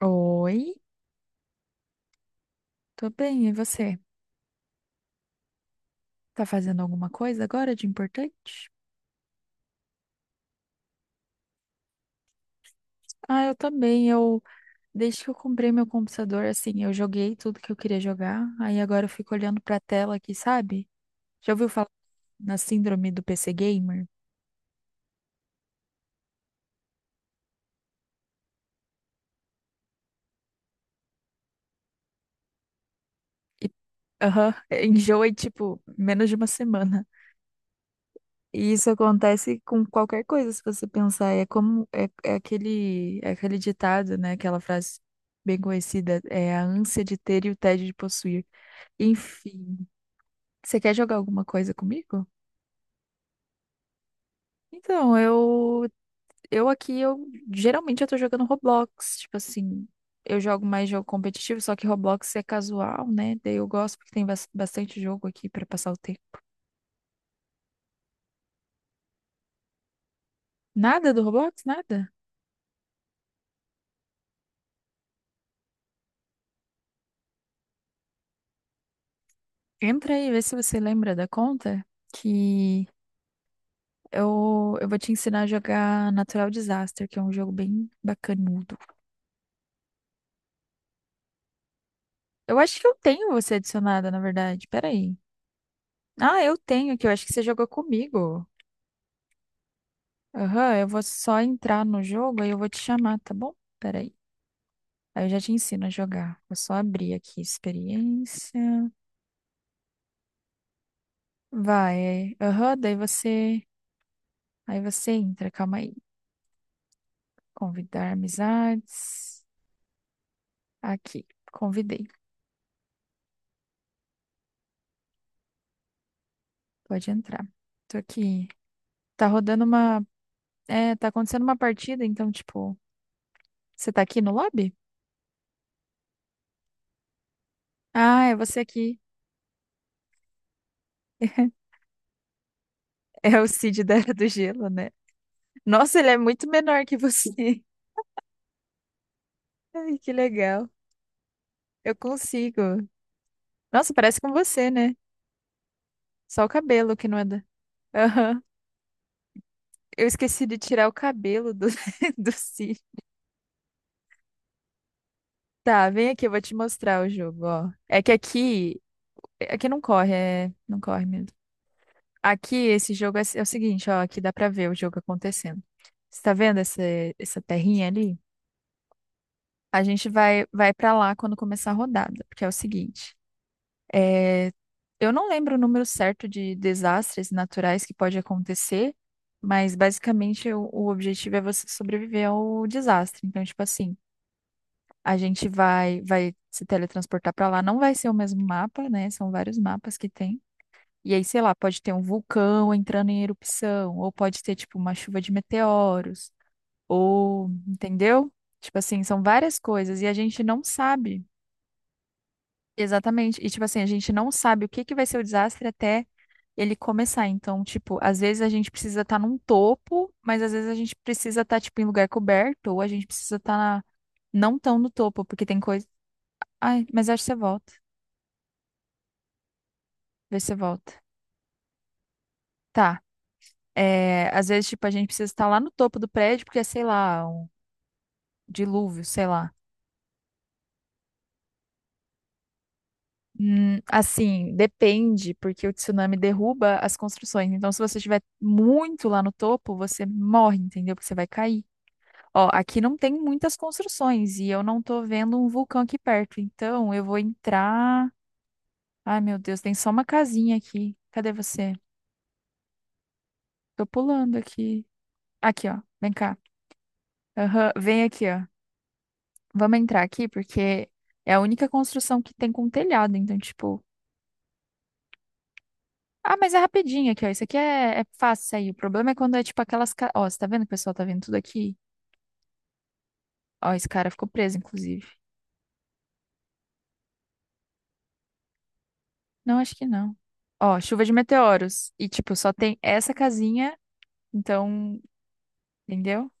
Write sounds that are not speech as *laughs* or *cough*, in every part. Oi, tô bem, e você? Tá fazendo alguma coisa agora de importante? Ah, eu também. Desde que eu comprei meu computador, assim, eu joguei tudo que eu queria jogar. Aí agora eu fico olhando pra tela aqui, sabe? Já ouviu falar na síndrome do PC Gamer? E, aham, *laughs* enjoa em, tipo, menos de uma semana. E isso acontece com qualquer coisa, se você pensar. É como, é, é aquele ditado, né? Aquela frase bem conhecida, é a ânsia de ter e o tédio de possuir. Enfim. Você quer jogar alguma coisa comigo? Então, eu aqui eu geralmente eu tô jogando Roblox, tipo assim, eu jogo mais jogo competitivo, só que Roblox é casual, né? Daí eu gosto porque tem bastante jogo aqui pra passar o tempo. Nada do Roblox, nada. Entra aí, vê se você lembra da conta que eu vou te ensinar a jogar Natural Disaster, que é um jogo bem bacanudo. Eu acho que eu tenho você adicionada, na verdade. Pera aí. Ah, eu tenho aqui, eu acho que você jogou comigo. Aham, eu vou só entrar no jogo aí eu vou te chamar, tá bom? Peraí. Aí eu já te ensino a jogar. Vou só abrir aqui experiência. Vai. É, aham, daí você. Aí você entra, calma aí. Convidar amizades. Aqui, convidei. Pode entrar. Tô aqui. Tá rodando uma. É, tá acontecendo uma partida, então, tipo, você tá aqui no lobby? Ah, é você aqui. *laughs* É o Cid da Era do Gelo, né? Nossa, ele é muito menor que você. *laughs* Ai, que legal. Eu consigo. Nossa, parece com você, né? Só o cabelo que não é da. Aham. Eu esqueci de tirar o cabelo do, *laughs* do cílio. Tá, vem aqui, eu vou te mostrar o jogo, ó. É que aqui. Aqui não corre, é. Não corre mesmo. Aqui, esse jogo é o seguinte, ó. Aqui dá pra ver o jogo acontecendo. Você tá vendo essa terrinha ali? A gente vai pra lá quando começar a rodada, porque é o seguinte. É, eu não lembro o número certo de desastres naturais que pode acontecer, mas basicamente o objetivo é você sobreviver ao desastre. Então, tipo assim, a gente vai se teletransportar para lá, não vai ser o mesmo mapa, né? São vários mapas que tem. E aí, sei lá, pode ter um vulcão entrando em erupção, ou pode ter, tipo, uma chuva de meteoros, ou, entendeu? Tipo assim, são várias coisas e a gente não sabe. Exatamente. E, tipo assim, a gente não sabe o que que vai ser o desastre até ele começar. Então, tipo, às vezes a gente precisa estar num topo, mas às vezes a gente precisa estar, tipo, em lugar coberto, ou a gente precisa estar na não tão no topo, porque tem coisa. Ai, mas acho que você volta. Vê se você volta. Tá. É, às vezes, tipo, a gente precisa estar lá no topo do prédio, porque é, sei lá, um dilúvio, sei lá. Assim, depende, porque o tsunami derruba as construções. Então, se você estiver muito lá no topo, você morre, entendeu? Porque você vai cair. Ó, aqui não tem muitas construções e eu não tô vendo um vulcão aqui perto. Então, eu vou entrar. Ai, meu Deus, tem só uma casinha aqui. Cadê você? Tô pulando aqui. Aqui, ó. Vem cá. Aham, vem aqui, ó. Vamos entrar aqui porque é a única construção que tem com telhado. Então, tipo. Ah, mas é rapidinho aqui, ó. Isso aqui é, é fácil sair. O problema é quando é tipo aquelas. Ó, você tá vendo que o pessoal tá vendo tudo aqui? Ó, esse cara ficou preso, inclusive. Não, acho que não. Ó, chuva de meteoros. E, tipo, só tem essa casinha. Então, entendeu?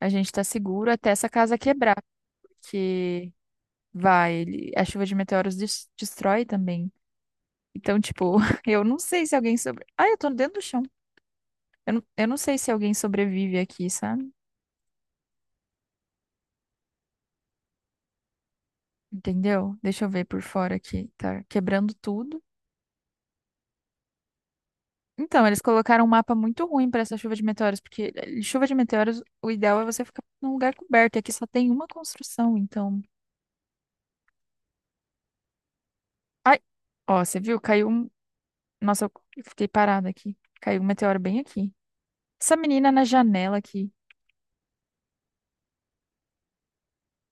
A gente tá seguro até essa casa quebrar, porque a chuva de meteoros destrói também. Então, tipo, *laughs* eu não sei se alguém ah, eu tô dentro do chão. Eu não sei se alguém sobrevive aqui, sabe? Entendeu? Deixa eu ver por fora aqui. Tá quebrando tudo. Então, eles colocaram um mapa muito ruim pra essa chuva de meteoros, porque eh, chuva de meteoros, o ideal é você ficar num lugar coberto, e aqui só tem uma construção, então. Ai, ó, você viu? Caiu um Nossa, eu fiquei parada aqui. Caiu um meteoro bem aqui. Essa menina na janela aqui.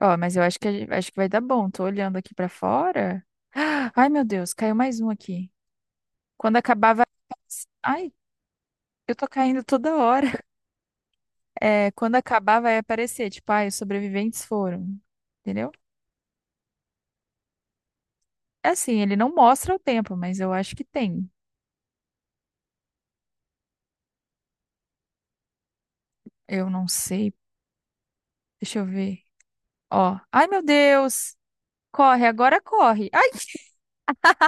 Ó, mas eu acho que vai dar bom. Tô olhando aqui pra fora. *gasps* Ai, meu Deus, caiu mais um aqui. Quando acabar, vai. Ai, eu tô caindo toda hora. *laughs* É, quando acabar, vai aparecer. Tipo, ai, os sobreviventes foram. Entendeu? É assim, ele não mostra o tempo, mas eu acho que tem. Eu não sei. Deixa eu ver. Ó. Ai, meu Deus! Corre, agora corre. Ai,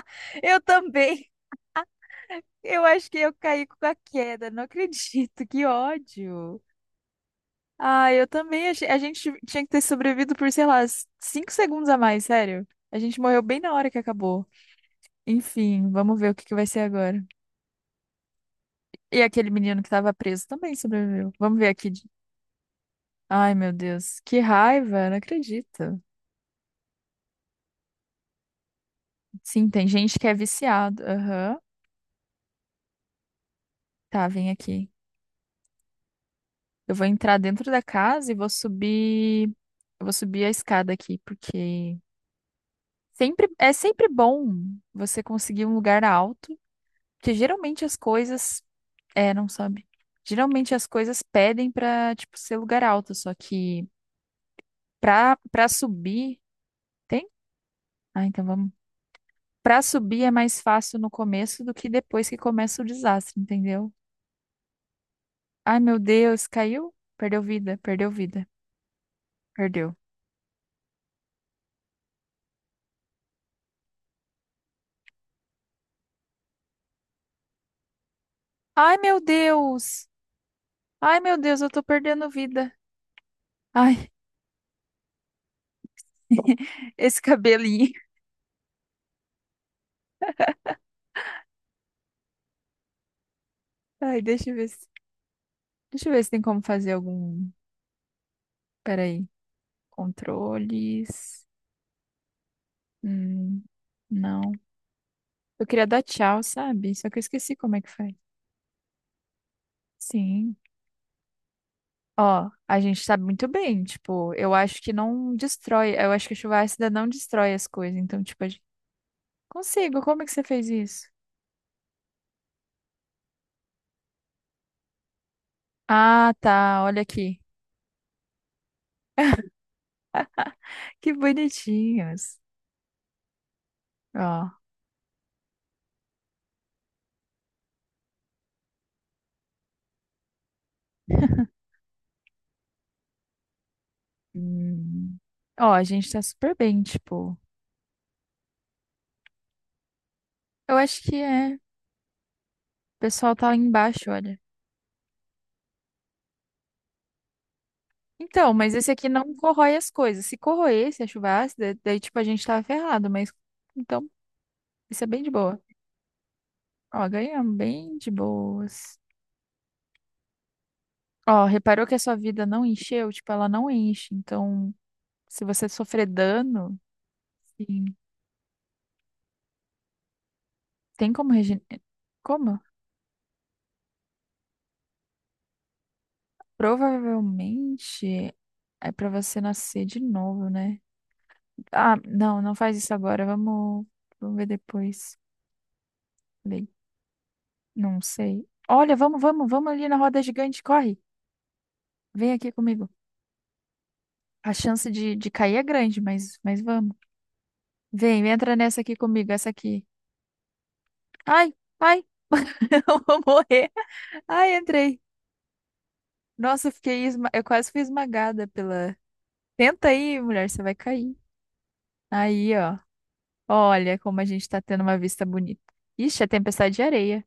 *laughs* eu também. Eu acho que eu caí com a queda, não acredito, que ódio. Ah, eu também achei. A gente tinha que ter sobrevivido por, sei lá, 5 segundos a mais, sério. A gente morreu bem na hora que acabou. Enfim, vamos ver o que que vai ser agora. E aquele menino que tava preso também sobreviveu. Vamos ver aqui. Ai, meu Deus, que raiva, não acredito. Sim, tem gente que é viciado. Aham. Tá, vem aqui. Eu vou entrar dentro da casa e vou subir. Eu vou subir a escada aqui, porque sempre, é sempre bom você conseguir um lugar alto, porque geralmente as coisas, é, não sabe. Geralmente as coisas pedem pra, tipo, ser lugar alto, só que pra subir, tem? Ah, então vamos. Pra subir é mais fácil no começo do que depois que começa o desastre, entendeu? Ai, meu Deus, caiu? Perdeu vida, perdeu. Ai, meu Deus! Ai, meu Deus, eu tô perdendo vida. Ai, *laughs* esse cabelinho. Ai, deixa eu ver se tem como fazer algum Peraí. Controles. Hum, não. Eu queria dar tchau, sabe? Só que eu esqueci como é que faz. Sim. Ó, a gente sabe muito bem. Tipo, eu acho que não destrói. Eu acho que a chuva ácida não destrói as coisas. Então, tipo, a gente consigo. Como é que você fez isso? Ah, tá. Olha aqui. Que bonitinhos. Ó. Hum. Ó, a gente tá super bem, tipo. Eu acho que é. O pessoal tá lá embaixo, olha. Então, mas esse aqui não corrói as coisas. Se corroesse a chuva ácida, daí tipo a gente tava ferrado, mas então isso é bem de boa. Ó, ganhamos bem de boas. Ó, reparou que a sua vida não encheu? Tipo, ela não enche. Então, se você sofrer dano, sim, tem como. Como? Provavelmente é pra você nascer de novo, né? Ah, não, não faz isso agora. Vamos ver depois. Bem, não sei. Olha, vamos ali na roda gigante, corre. Vem aqui comigo. A chance de cair é grande, mas vamos. Vem, entra nessa aqui comigo, essa aqui. Ai, ai, *laughs* eu vou morrer. Ai, entrei. Nossa, eu quase fui esmagada pela. Tenta aí, mulher, você vai cair. Aí, ó. Olha como a gente tá tendo uma vista bonita. Ixi, é tempestade de areia.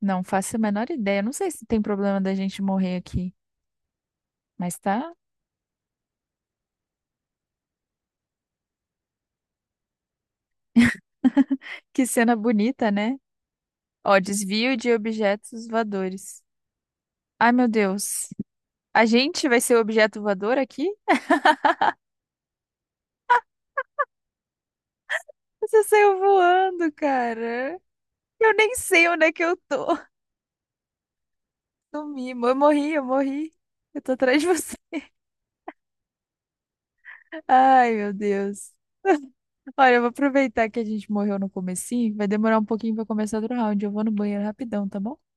Não faço a menor ideia. Não sei se tem problema da gente morrer aqui, mas tá. *laughs* Que cena bonita, né? Ó, desvio de objetos voadores. Ai, meu Deus. A gente vai ser o objeto voador aqui? Você saiu voando, cara. Eu nem sei onde é que eu tô. Sumi, eu morri, eu morri. Eu tô atrás de você. *laughs* Ai, meu Deus. *laughs* Olha, eu vou aproveitar que a gente morreu no comecinho. Vai demorar um pouquinho pra começar outro round. Eu vou no banheiro rapidão, tá bom?